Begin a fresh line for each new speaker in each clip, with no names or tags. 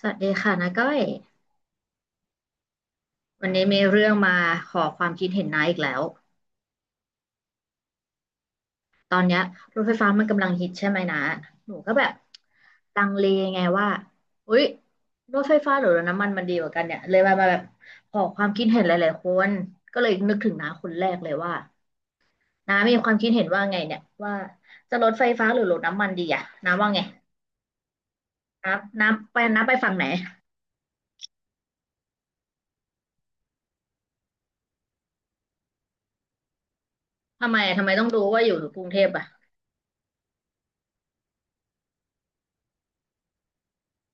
สวัสดีค่ะนาก้อยวันนี้มีเรื่องมาขอความคิดเห็นนาอีกแล้วตอนเนี้ยรถไฟฟ้ามันกำลังฮิตใช่ไหมนะหนูก็แบบลังเลไงว่าอุ๊ยรถไฟฟ้าหรือรถน้ำมันมันดีกว่ากันเนี่ยเลยมาแบบขอความคิดเห็นหลายๆคนก็เลยนึกถึงน้าคนแรกเลยว่าน้ามีความคิดเห็นว่าไงเนี่ยว่าจะรถไฟฟ้าหรือรถน้ำมันดีอะน้าว่าไงน้าน้าไปฝั่งไหนทำไมต้องรู้ว่าอยู่กรุงเทพอะ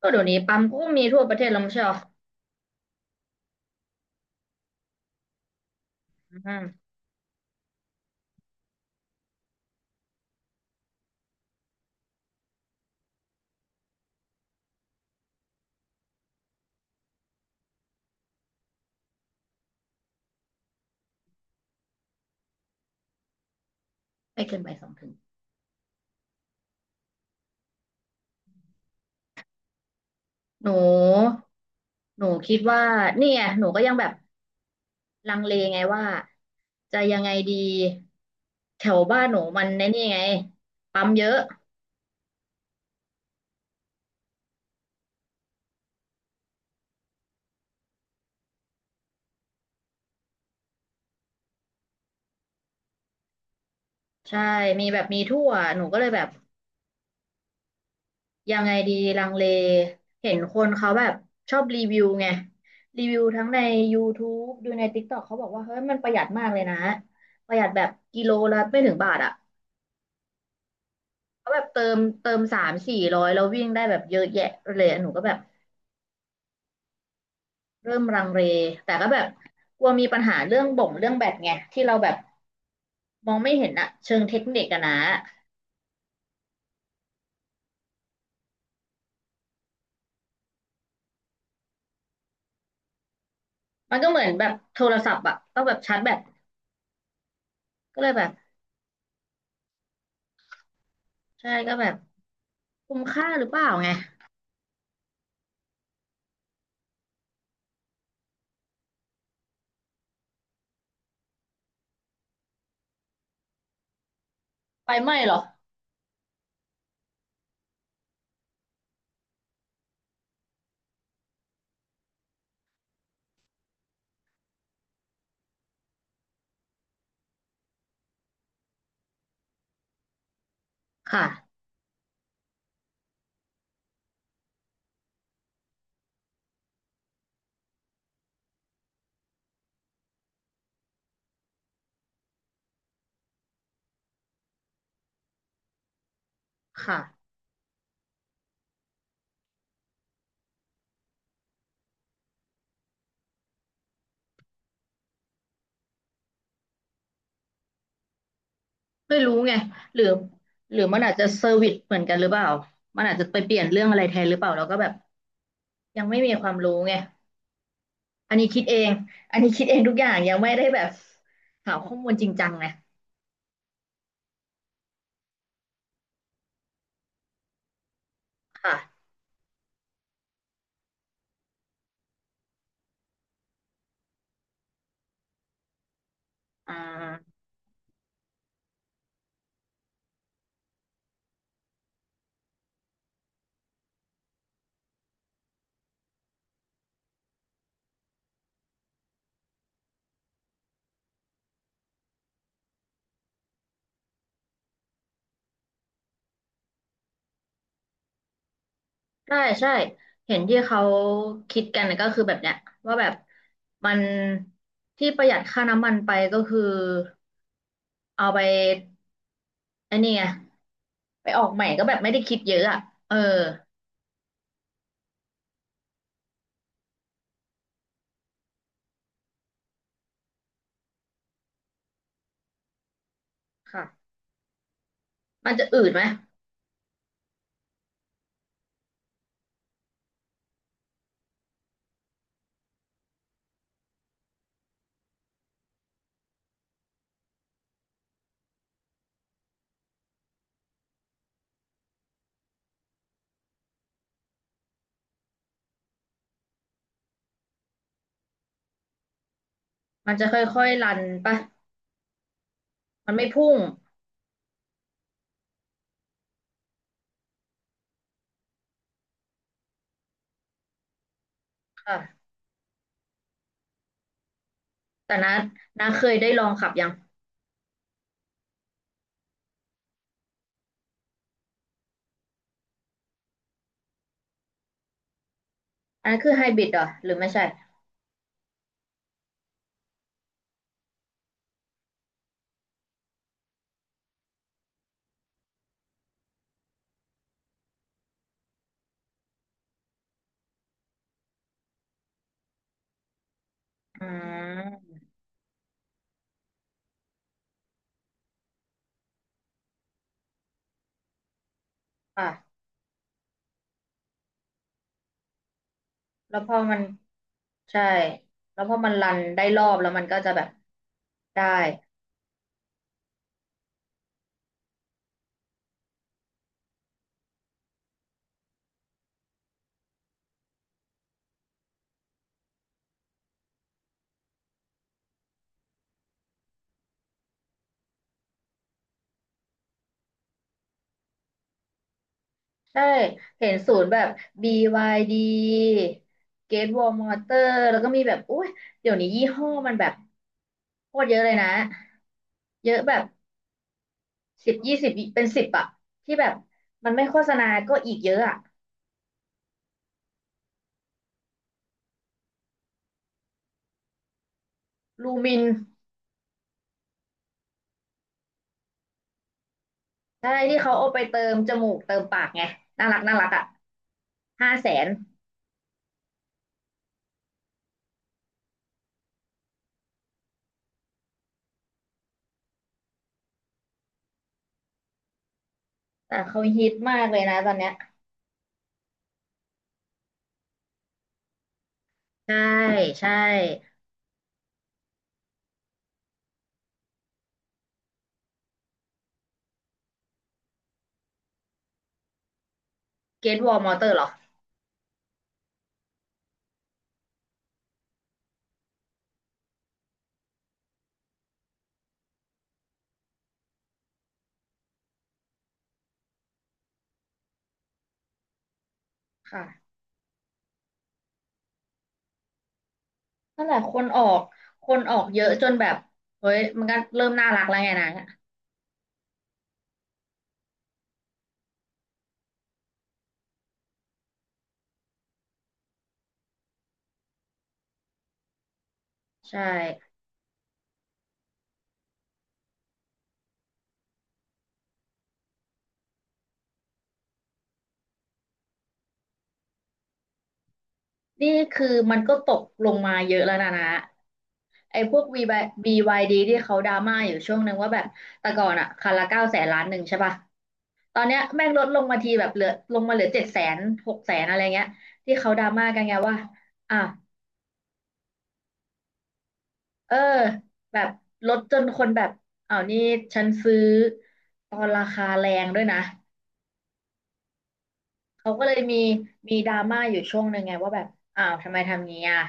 ก็เดี๋ยวนี้ปั๊มก็มีทั่วประเทศแล้วไม่ใช่หรอ ไม่เกินบ่ายสองถึง หนู หนูคิดว่าเนี่ยหนูก็ยังแบบลังเลไงว่าจะยังไงดีแถวบ้านหนูมันในนี่ไงปั๊มเยอะ ใช่ มีแบบมีทั่ว หนูก็เลยแบบยังไงดีลังเล เห็นคนเขาแบบชอบรีวิวไง รีวิวทั้งใน YouTube ดูใน TikTok เขาบอกว่าเฮ้ยมันประหยัดมากเลยนะ ประหยัดแบบกิโลละไม่ถึงบาทอ่ะเขาแบบเติม300-400แล้ววิ่งได้แบบเยอะแยะเลยอะหนูก็แบบ เริ่มลังเลแต่ก็แบบกลัวมีปัญหาเรื่องบ่งเรื่องแบตไงที่เราแบบมองไม่เห็นอะเชิงเทคนิคอะนะมันก็เหมือนแบบโทรศัพท์อะต้องแบบชาร์จแบตก็เลยแบบใช่ก็แบบคุ้มค่าหรือเปล่าไงไฟไหม้เหรอค่ะค่ะไม่รู้ไงหรือหรือมันอาจจะเซอร์วิสเหมือนกันหรือเปล่ามันอาจจะไปเปลี่ยนเรื่องอะไรแทนหรือเปล่าเราก็แบบยังไม่มีความรู้ไงอันนี้คิดเองอันนี้คิดเองทุกอย่างยังไม่ได้แบบหาข้อมูลจริงจังนะค่ะอ่า ใช่ใช่เห็นที่เขาคิดกันก็คือแบบเนี้ยว่าแบบมันที่ประหยัดค่าน้ำมันไปก็คือเอาไปไอ้นี่ไงไปออกใหม่ก็แบบไม่ได้คิดเยอะอ่ะเออค่ะมันจะอืดไหมมันจะค่อยๆรันปะมันไม่พุ่งค่ะแต่นะนะเคยได้ลองขับยังอันนั้นคือไฮบริดเหรอหรือไม่ใช่อืมค่ะแล้วพอมันใช่แล้วพอมันรันได้รอบแล้วมันก็จะแบบได้ ใช่เห็นศูนย์แบบ BYD เก t วอลมอเตอร์แล้วก็มีแบบอุ้ยเดี๋ยวนี้ยี่ห้อมันแบบโคตรเยอะเลยนะเยอะแบบ10-20เป็นสิบอะที่แบบมันไม่โฆษณาก็อีกเยอะอะลูมินใช่ที่เขาเอาไปเติมจมูกเติมปากไงน่ารักน่ารักอะห้าแสนแต่เขาฮิตมากเลยนะตอนเนี้ยใช่ใช่เก t วอลมอเตอร์หรอค่ะ นั่นแหละคนออกคนออกเยอะจนแบบเฮ้ยมันก็เริ่มน่ารักแล้วไงนะใช่นี่คือมันก็ตกลงมาเยอะแล้วนะนะไอ้พวกวีวา BYD ที่เขาดราม่าอยู่ช่วงนึงว่าแบบแต่ก่อนอะคันละ900,000-1,000,000ใช่ป่ะตอนเนี้ยแม่งลดลงมาทีแบบเหลือลงมาเหลือ700,000600,000อะไรเงี้ยที่เขาดราม่ากันไงว่าอ่ะเออแบบลดจนคนแบบอ้าวนี่ฉันซื้อตอนราคาแรงด้วยนะ เขาก็เลยมีมีดราม่าอยู่ช่วงหนึ่งไงว่าแบบอ้าวทำไมทำงี้อ่ะ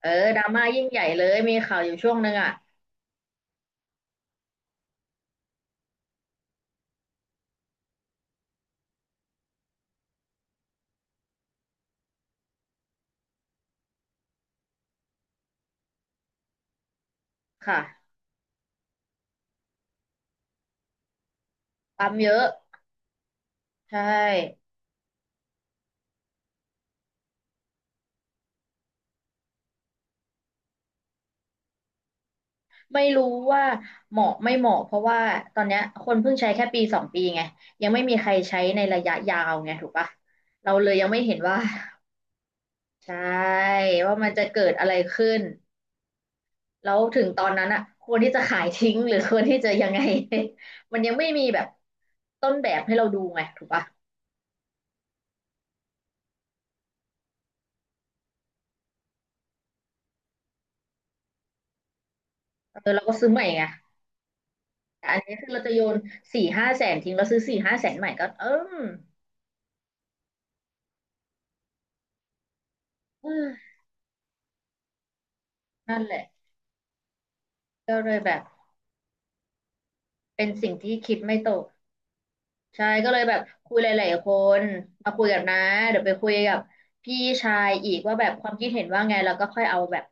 เออดราม่ายิ่งใหญ่เลยมีข่าวอยู่ช่วงหนึ่งอ่ะค่ะปั๊มเยอะใช่ไม่รู้ว่าเหมาะไม่เหมาะเพราะว่าตอนเนี้ยคนเพิ่งใช้แค่1-2 ปีไงยังไม่มีใครใช้ในระยะยาวไงถูกปะเราเลยยังไม่เห็นว่า ใช่ว่ามันจะเกิดอะไรขึ้นแล้วถึงตอนนั้นอ่ะควรที่จะขายทิ้งหรือควรที่จะยังไง มันยังไม่มีแบบต้นแบบให้เราดูไงถูกปะ เออเราก็ซื้อใหม่ไงแต่อันนี้คือเราจะโยนสี่ห้าแสนทิ้งเราซื้อสี่ห้าแสนใหม่ก็เอมเออนั่นแหละก็เลยแบบเป็นสิ่งที่คิดไม่ตกใช่ก็เลยแบบคุยหลายๆคนมาคุยกับน้าเดี๋ยวไปคุยกับพี่ชายอีกว่าแบบความคิดเห็นว่าไงแล้วก็ค่อยเอาแบบ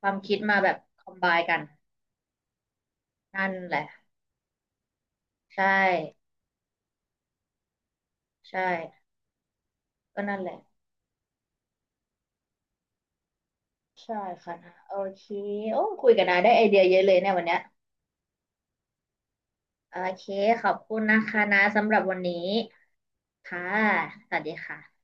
ความคิดมาแบบคอมไบกันนั่นแหละใช่ใช่ก็นั่นแหละใช่ค่ะนะโอเคโอ้คุยกับน้าได้ไอเดียเยอะเลยเนี่ยวันเนี้ยโอเคขอบคุณนะคะนะสำหรับวันนี้ ค่ะสวัสดีค่ะ